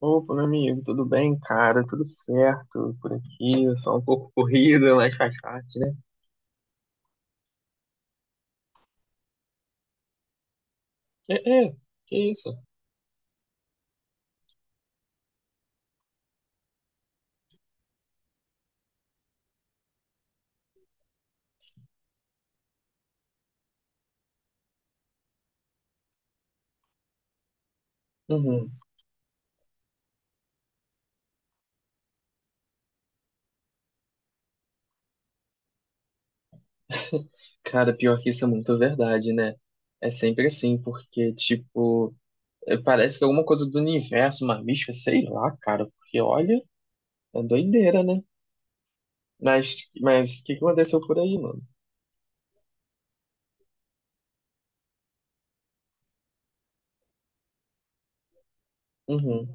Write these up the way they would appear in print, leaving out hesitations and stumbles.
Opa, meu amigo, tudo bem, cara? Tudo certo por aqui? Só um pouco corrida, mas faz parte, né? É, é, que isso? Uhum. Cara, pior que isso é muito verdade, né? É sempre assim, porque, tipo, é, parece que é alguma coisa do universo, uma mística, sei lá, cara, porque olha, é doideira, né? Mas o que que aconteceu por aí, mano? Uhum.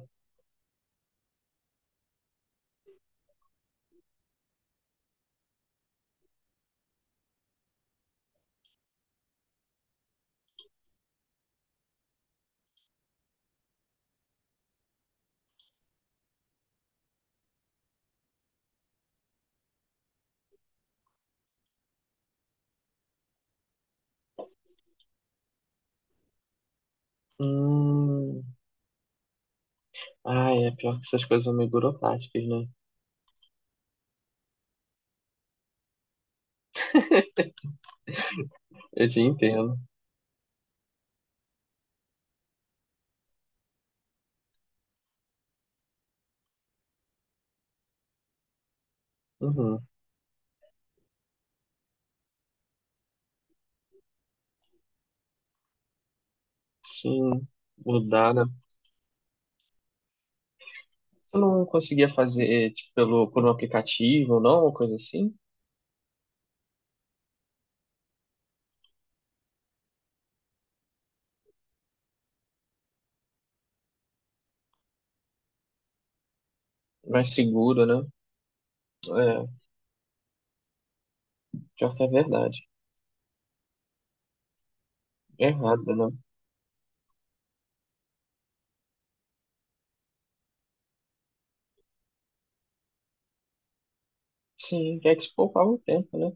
Hum. Ah, é pior que essas coisas são meio burocráticas, né? Eu te entendo. Uhum. Sim, mudar, né? Eu não conseguia fazer, tipo, pelo, por um aplicativo ou não, uma coisa assim. Mais seguro, né? É, pior que é verdade. É Errado, né? Sim, é que se poupava o tempo, né?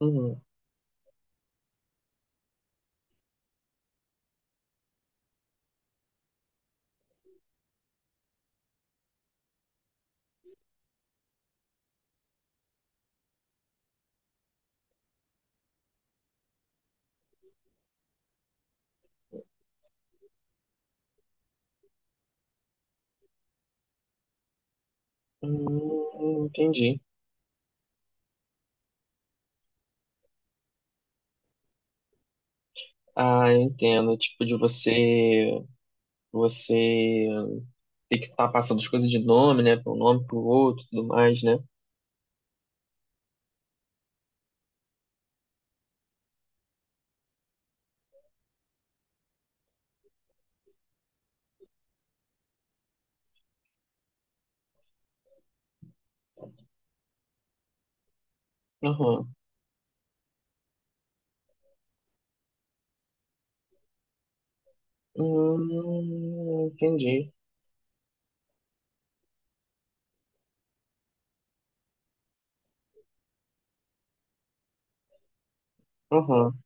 Uhum. Entendi. Ah, entendo. Tipo, de você, você ter que estar passando as coisas de nome, né? Para um nome, para o outro, e tudo mais, né? Uhum. Entendi. Uhum.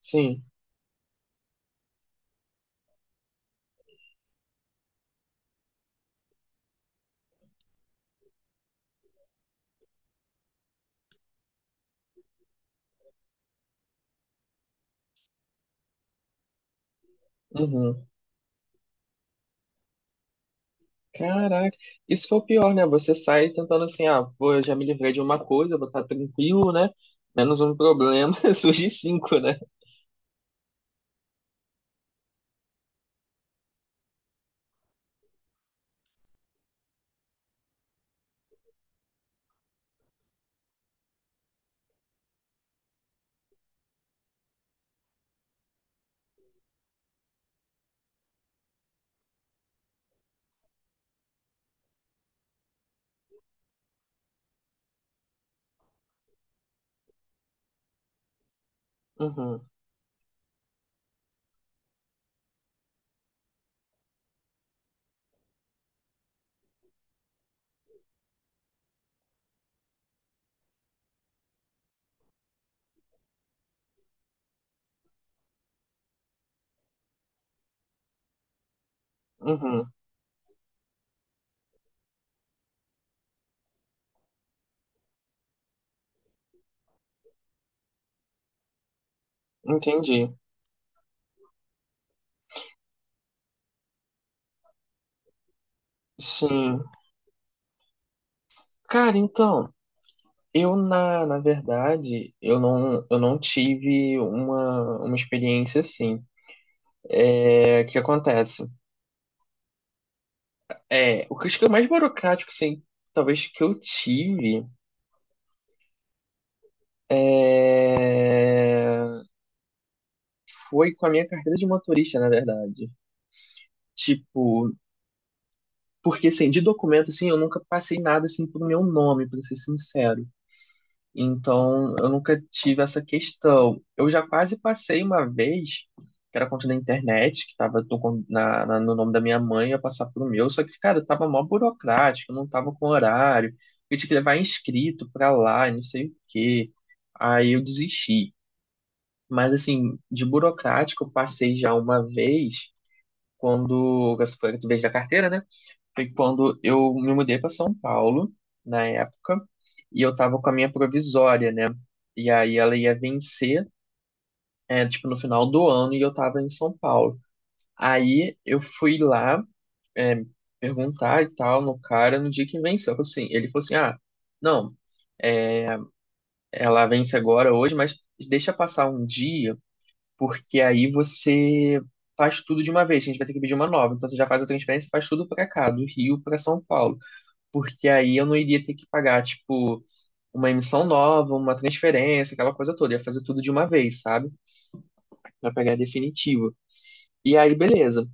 Sim. Uhum. Caraca, isso foi o pior, né? Você sai tentando assim, ah, pô, eu já me livrei de uma coisa, vou estar tranquilo, né? Menos um problema, surge cinco, né? Uhum, uhum, entendi. Sim. Cara, então, eu, na verdade, eu não tive uma experiência assim. É, o que acontece? É, o que eu acho que é o mais burocrático, assim, talvez que eu tive é, foi com a minha carteira de motorista, na verdade. Tipo, porque, assim, de documento, assim, eu nunca passei nada, assim, pro meu nome, para ser sincero. Então, eu nunca tive essa questão. Eu já quase passei uma vez, que era conta da internet, que tava no, con- na, na- no nome da minha mãe, ia passar pro meu, só que, cara, tava mó burocrático, não tava com horário, eu tinha que levar inscrito pra lá, e não sei o quê. Aí eu desisti. Mas, assim, de burocrático, eu passei já uma vez, quando, essa foi a vez da carteira, né? Foi quando eu me mudei para São Paulo, na época, e eu tava com a minha provisória, né? E aí ela ia vencer, é, tipo, no final do ano, e eu tava em São Paulo. Aí eu fui lá, é, perguntar e tal no cara no dia que venceu. Eu falei assim, ele falou assim: ah, não, é, ela vence agora hoje, mas deixa passar um dia, porque aí você faz tudo de uma vez. A gente vai ter que pedir uma nova. Então você já faz a transferência, faz tudo para cá, do Rio para São Paulo, porque aí eu não iria ter que pagar, tipo, uma emissão nova, uma transferência, aquela coisa toda. Ia fazer tudo de uma vez, sabe? Pra pegar definitivo. E aí, beleza.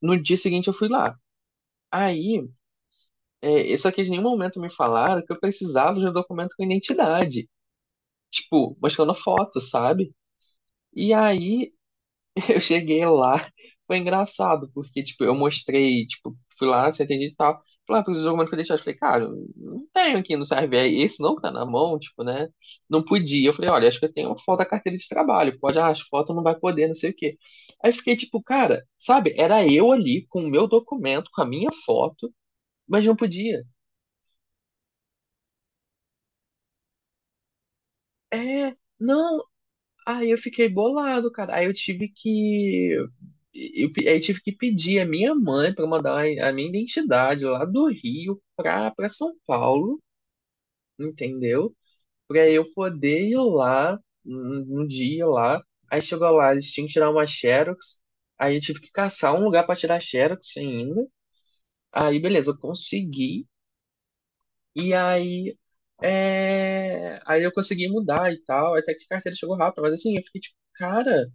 No dia seguinte eu fui lá. Aí, é, só que em nenhum momento me falaram que eu precisava de um documento com identidade. Tipo, mostrando a foto, sabe? E aí eu cheguei lá, foi engraçado, porque, tipo, eu mostrei, tipo, fui lá, se atendi e tal. Falei, ah, preciso de alguma coisa pra deixar. Eu falei, cara, eu não tenho aqui no serve. Aí, esse não que tá na mão, tipo, né? Não podia. Eu falei, olha, acho que eu tenho uma foto da carteira de trabalho. Pode, ah, as fotos não vai poder, não sei o quê. Aí fiquei, tipo, cara, sabe? Era eu ali com o meu documento, com a minha foto, mas não podia. É, não, aí eu fiquei bolado, cara. Aí eu tive que. Aí eu tive que pedir a minha mãe para mandar a minha identidade lá do Rio pra, pra São Paulo, entendeu? Pra eu poder ir lá um, um dia lá. Aí chegou lá, eles tinham que tirar uma Xerox. Aí eu tive que caçar um lugar pra tirar Xerox ainda. Aí beleza, eu consegui. E aí. É, aí eu consegui mudar e tal. Até que a carteira chegou rápido. Mas assim, eu fiquei tipo, cara.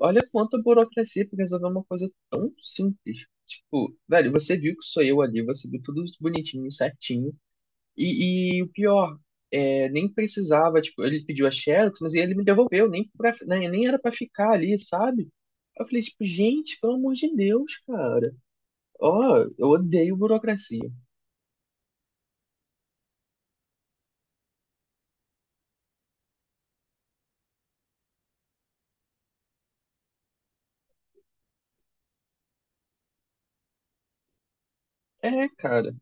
Olha quanta burocracia pra resolver uma coisa tão simples. Tipo, velho, você viu que sou eu ali, você viu tudo bonitinho, certinho. E o pior, é, nem precisava, tipo, ele pediu a Xerox, mas ele me devolveu, nem, pra, nem, nem era pra ficar ali, sabe? Eu falei, tipo, gente, pelo amor de Deus, cara. Ó, eu odeio burocracia. É, cara.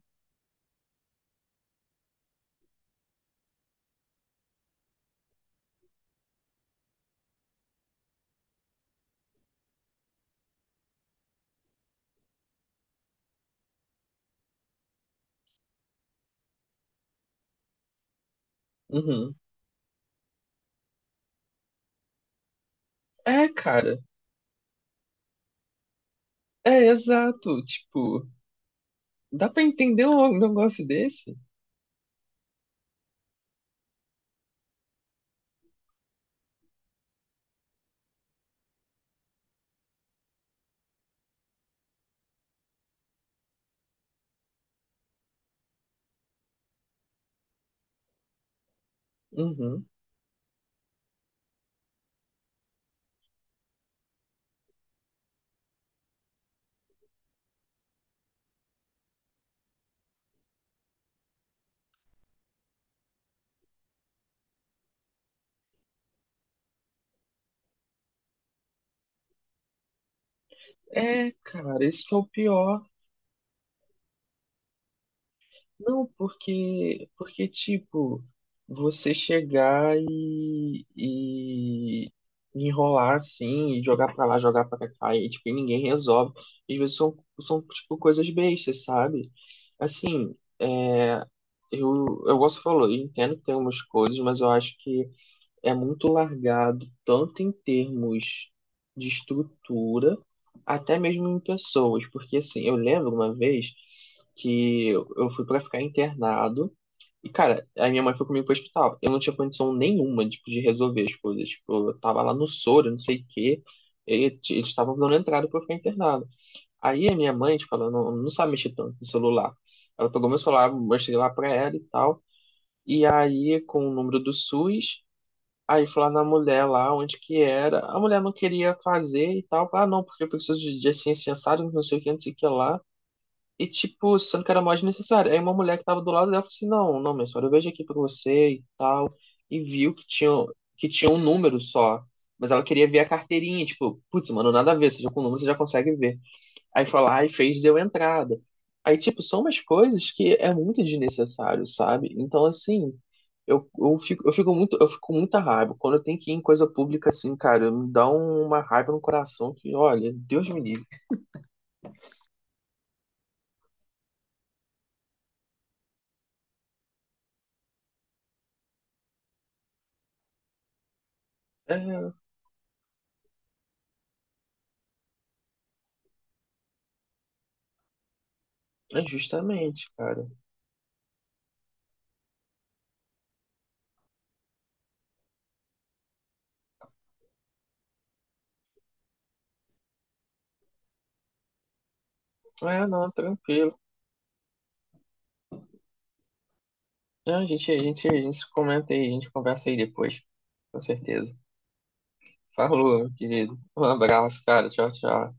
Uhum. É, cara. É, exato. Tipo, dá pra entender um negócio desse? Uhum. É, cara, isso que é o pior. Não, porque tipo, você chegar e enrolar assim, e jogar pra lá, jogar pra cá, e tipo, e ninguém resolve. Às vezes são, são tipo, coisas bestas, sabe? Assim, é, eu gosto, falou, eu entendo que tem umas coisas, mas eu acho que é muito largado, tanto em termos de estrutura, até mesmo em pessoas, porque assim, eu lembro uma vez que eu fui pra ficar internado e, cara, a minha mãe foi comigo pro hospital. Eu não tinha condição nenhuma, tipo, de resolver as coisas. Tipo, eu tava lá no soro, não sei o quê, e eles estavam dando entrada pra eu ficar internado. Aí a minha mãe, tipo, ela não sabe mexer tanto no celular. Ela pegou meu celular, mostrei lá pra ela e tal. E aí, com o número do SUS, aí fui lá na mulher lá, onde que era. A mulher não queria fazer e tal. Ah, não, porque eu preciso de assim, assim, assado, não sei o que, não sei o que lá. E, tipo, sendo que era mais necessário. Aí uma mulher que tava do lado dela falou assim, não, não, minha senhora, eu vejo aqui pra você e tal. E viu que tinha um número só. Mas ela queria ver a carteirinha, tipo, putz, mano, nada a ver. Seja com o número, você já consegue ver. Aí foi lá e fez, deu entrada. Aí, tipo, são umas coisas que é muito desnecessário, sabe? Então, assim, eu fico, eu fico muito, eu fico com muita raiva. Quando eu tenho que ir em coisa pública, assim, cara, me dá uma raiva no coração que, olha, Deus me livre. É, é justamente, cara. É, não, tranquilo. É, a gente se comenta aí, a gente conversa aí depois. Com certeza. Falou, meu querido. Um abraço, cara. Tchau, tchau.